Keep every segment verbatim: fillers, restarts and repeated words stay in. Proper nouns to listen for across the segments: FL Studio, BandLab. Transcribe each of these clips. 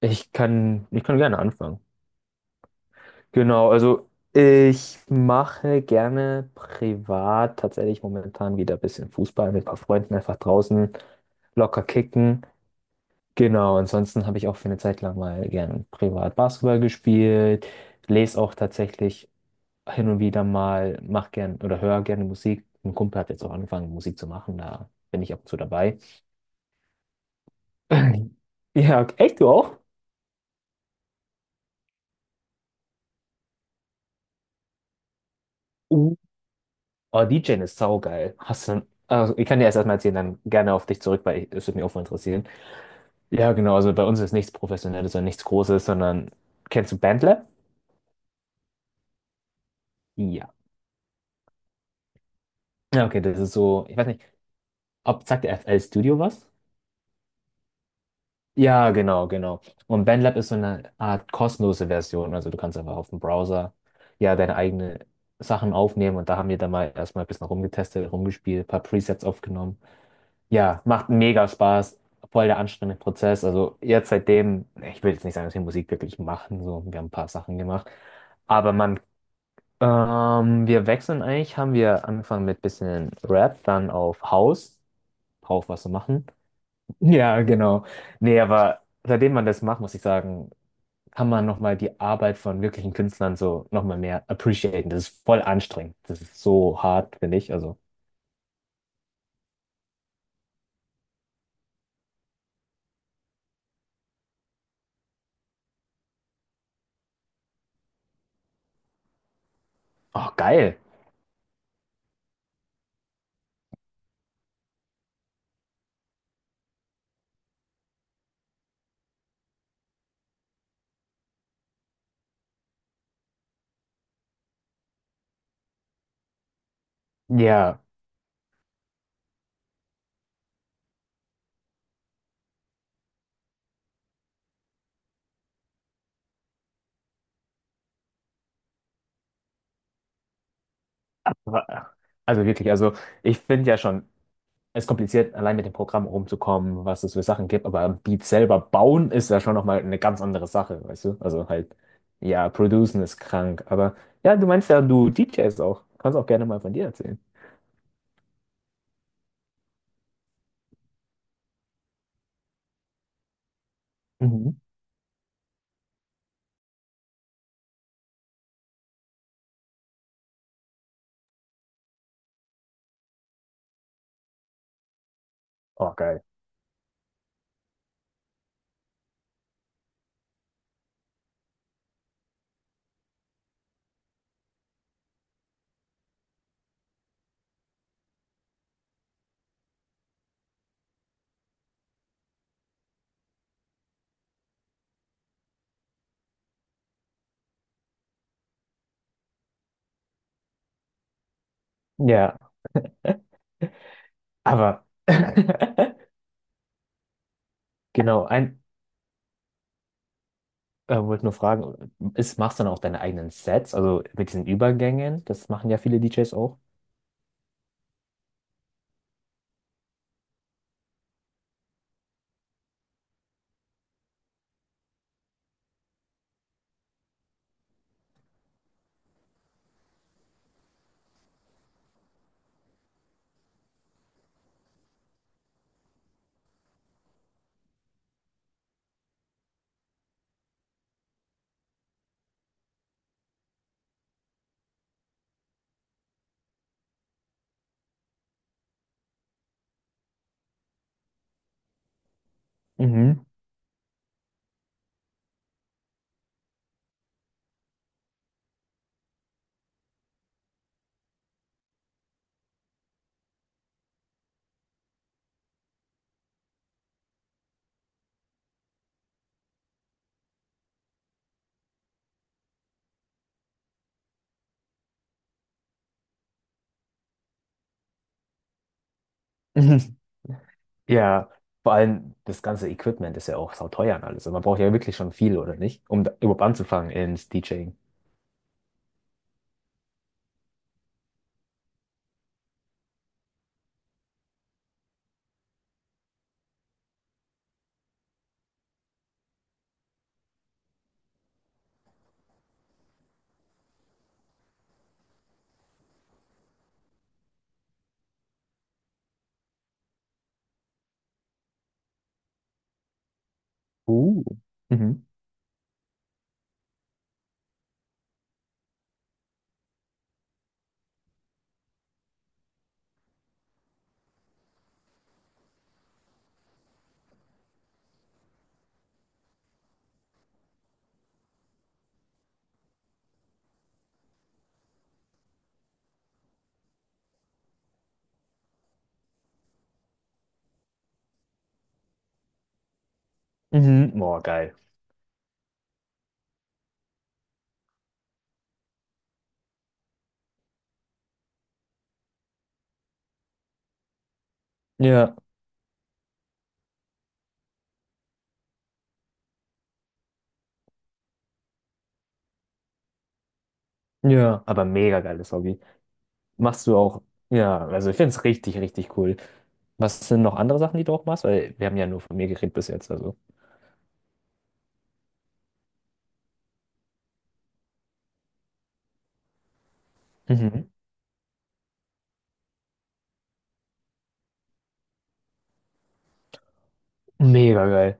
Ich kann, ich kann gerne anfangen. Genau, also ich mache gerne privat tatsächlich momentan wieder ein bisschen Fußball mit ein paar Freunden einfach draußen locker kicken. Genau, ansonsten habe ich auch für eine Zeit lang mal gern privat Basketball gespielt, lese auch tatsächlich hin und wieder mal, mache gern oder höre gerne Musik. Ein Kumpel hat jetzt auch angefangen, Musik zu machen, da bin ich ab und zu dabei. Ja, echt, du auch? Oh, DJing ist saugeil. Hast du, also ich kann dir erst erstmal erzählen, dann gerne auf dich zurück, weil ich, es würde mich auch mal interessieren. Ja, genau, also bei uns ist nichts Professionelles oder nichts Großes, sondern kennst du Bandlab? Ja. Ja, okay, das ist so, ich weiß nicht, ob sagt der F L Studio was? Ja, genau, genau. Und BandLab ist so eine Art kostenlose Version. Also du kannst einfach auf dem Browser ja deine eigenen Sachen aufnehmen, und da haben wir dann mal erstmal ein bisschen rumgetestet, rumgespielt, ein paar Presets aufgenommen. Ja, macht mega Spaß. Voll der anstrengende Prozess. Also jetzt seitdem, ich will jetzt nicht sagen, dass wir Musik wirklich machen, so, wir haben ein paar Sachen gemacht. Aber man, ähm, wir wechseln eigentlich, haben wir angefangen mit bisschen Rap, dann auf House, drauf was zu machen. Ja, genau. Nee, aber seitdem man das macht, muss ich sagen, kann man nochmal die Arbeit von wirklichen Künstlern so nochmal mehr appreciaten. Das ist voll anstrengend. Das ist so hart, finde ich. Also, oh, geil. Ja. Wa- Also wirklich, also ich finde ja schon, es ist kompliziert, allein mit dem Programm rumzukommen, was es für Sachen gibt, aber Beats selber bauen ist ja schon nochmal eine ganz andere Sache, weißt du? Also halt, ja, producen ist krank, aber ja, du meinst ja, du D Js auch. Kannst auch gerne mal von dir erzählen. Mhm. Oh, geil. Ja, aber genau, ein, äh, wollte nur fragen, ist, machst du dann auch deine eigenen Sets, also mit diesen Übergängen? Das machen ja viele D Js auch. Mhm. Ja, vor allem das ganze Equipment ist ja auch sauteuer und alles. Und man braucht ja wirklich schon viel, oder nicht? Um da überhaupt anzufangen ins DJing. Uh. Mhm. Mhm. Boah, geil. Ja, ja. Aber mega geiles Hobby. Machst du auch, ja, also ich finde es richtig, richtig cool. Was sind noch andere Sachen, die du auch machst? Weil wir haben ja nur von mir geredet bis jetzt, also. Mhm. Mega geil.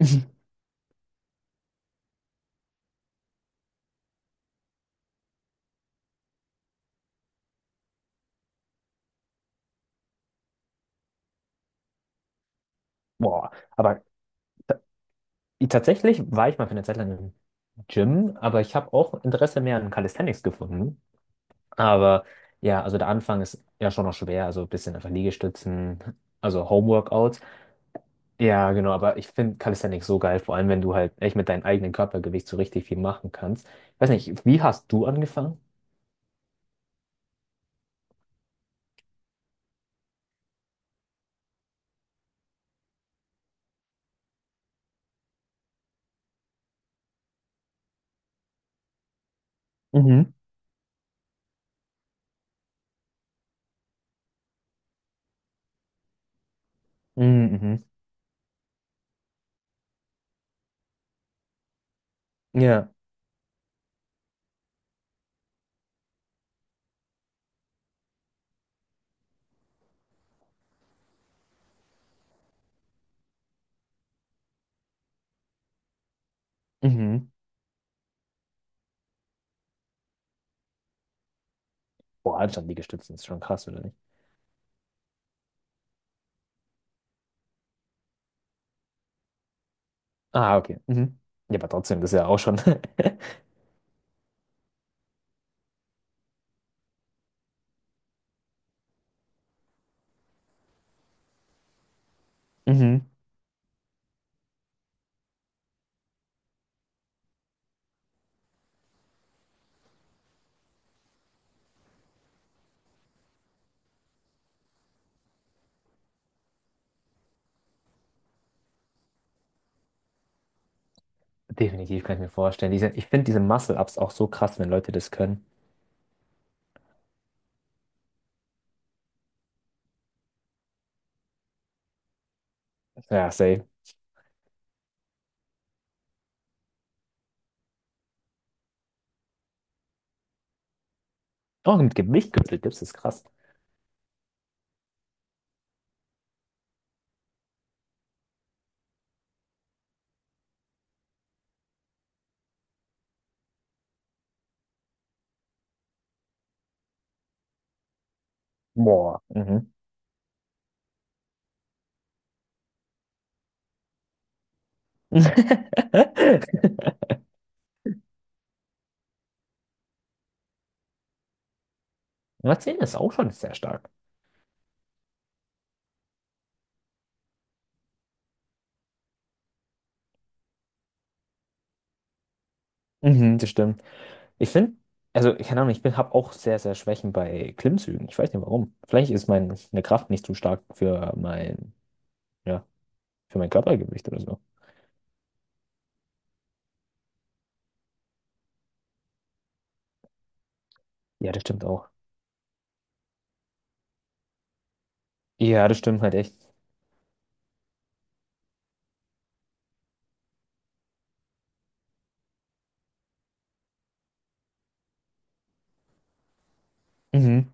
Boah, aber ta- tatsächlich war ich mal für eine Zeit lang im Gym, aber ich habe auch Interesse mehr an Calisthenics gefunden. Aber ja, also der Anfang ist ja schon noch schwer, also ein bisschen einfach Liegestützen, also Homeworkouts. Ja, genau, aber ich finde Calisthenics so geil, vor allem wenn du halt echt mit deinem eigenen Körpergewicht so richtig viel machen kannst. Ich weiß nicht, wie hast du angefangen? Mhm. Mhm, mhm. Ja, mhm. Boah, Handstand Liegestützen ist schon krass, oder nicht? Ah, okay. Mhm. Ja, aber trotzdem, das ist ja auch schon. Mhm. Definitiv, kann ich mir vorstellen. Diese, ich finde diese Muscle-Ups auch so krass, wenn Leute das können. Ja, safe. Auch mit Gewicht gibt's, das ist krass. Boah. Mhm. Marcel ist auch schon sehr stark. Mhm, das stimmt. Ich finde, also, keine Ahnung, ich bin, habe auch sehr, sehr Schwächen bei Klimmzügen. Ich weiß nicht warum. Vielleicht ist meine Kraft nicht zu stark für mein, ja, für mein Körpergewicht oder so. Ja, das stimmt auch. Ja, das stimmt halt echt. Mhm.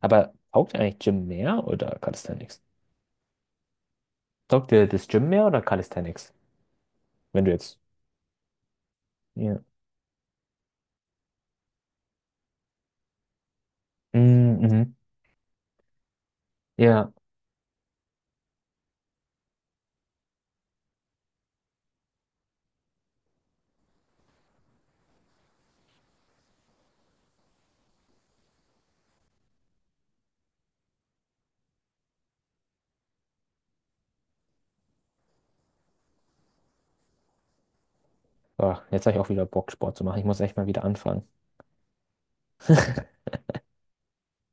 Aber taugt dir eigentlich Gym mehr oder Calisthenics? Taugt dir das Gym mehr oder Calisthenics? Wenn du jetzt. Ja. Mhm. Mhm. Ja. Boah, jetzt habe ich auch wieder Bock, Sport zu machen. Ich muss echt mal wieder anfangen.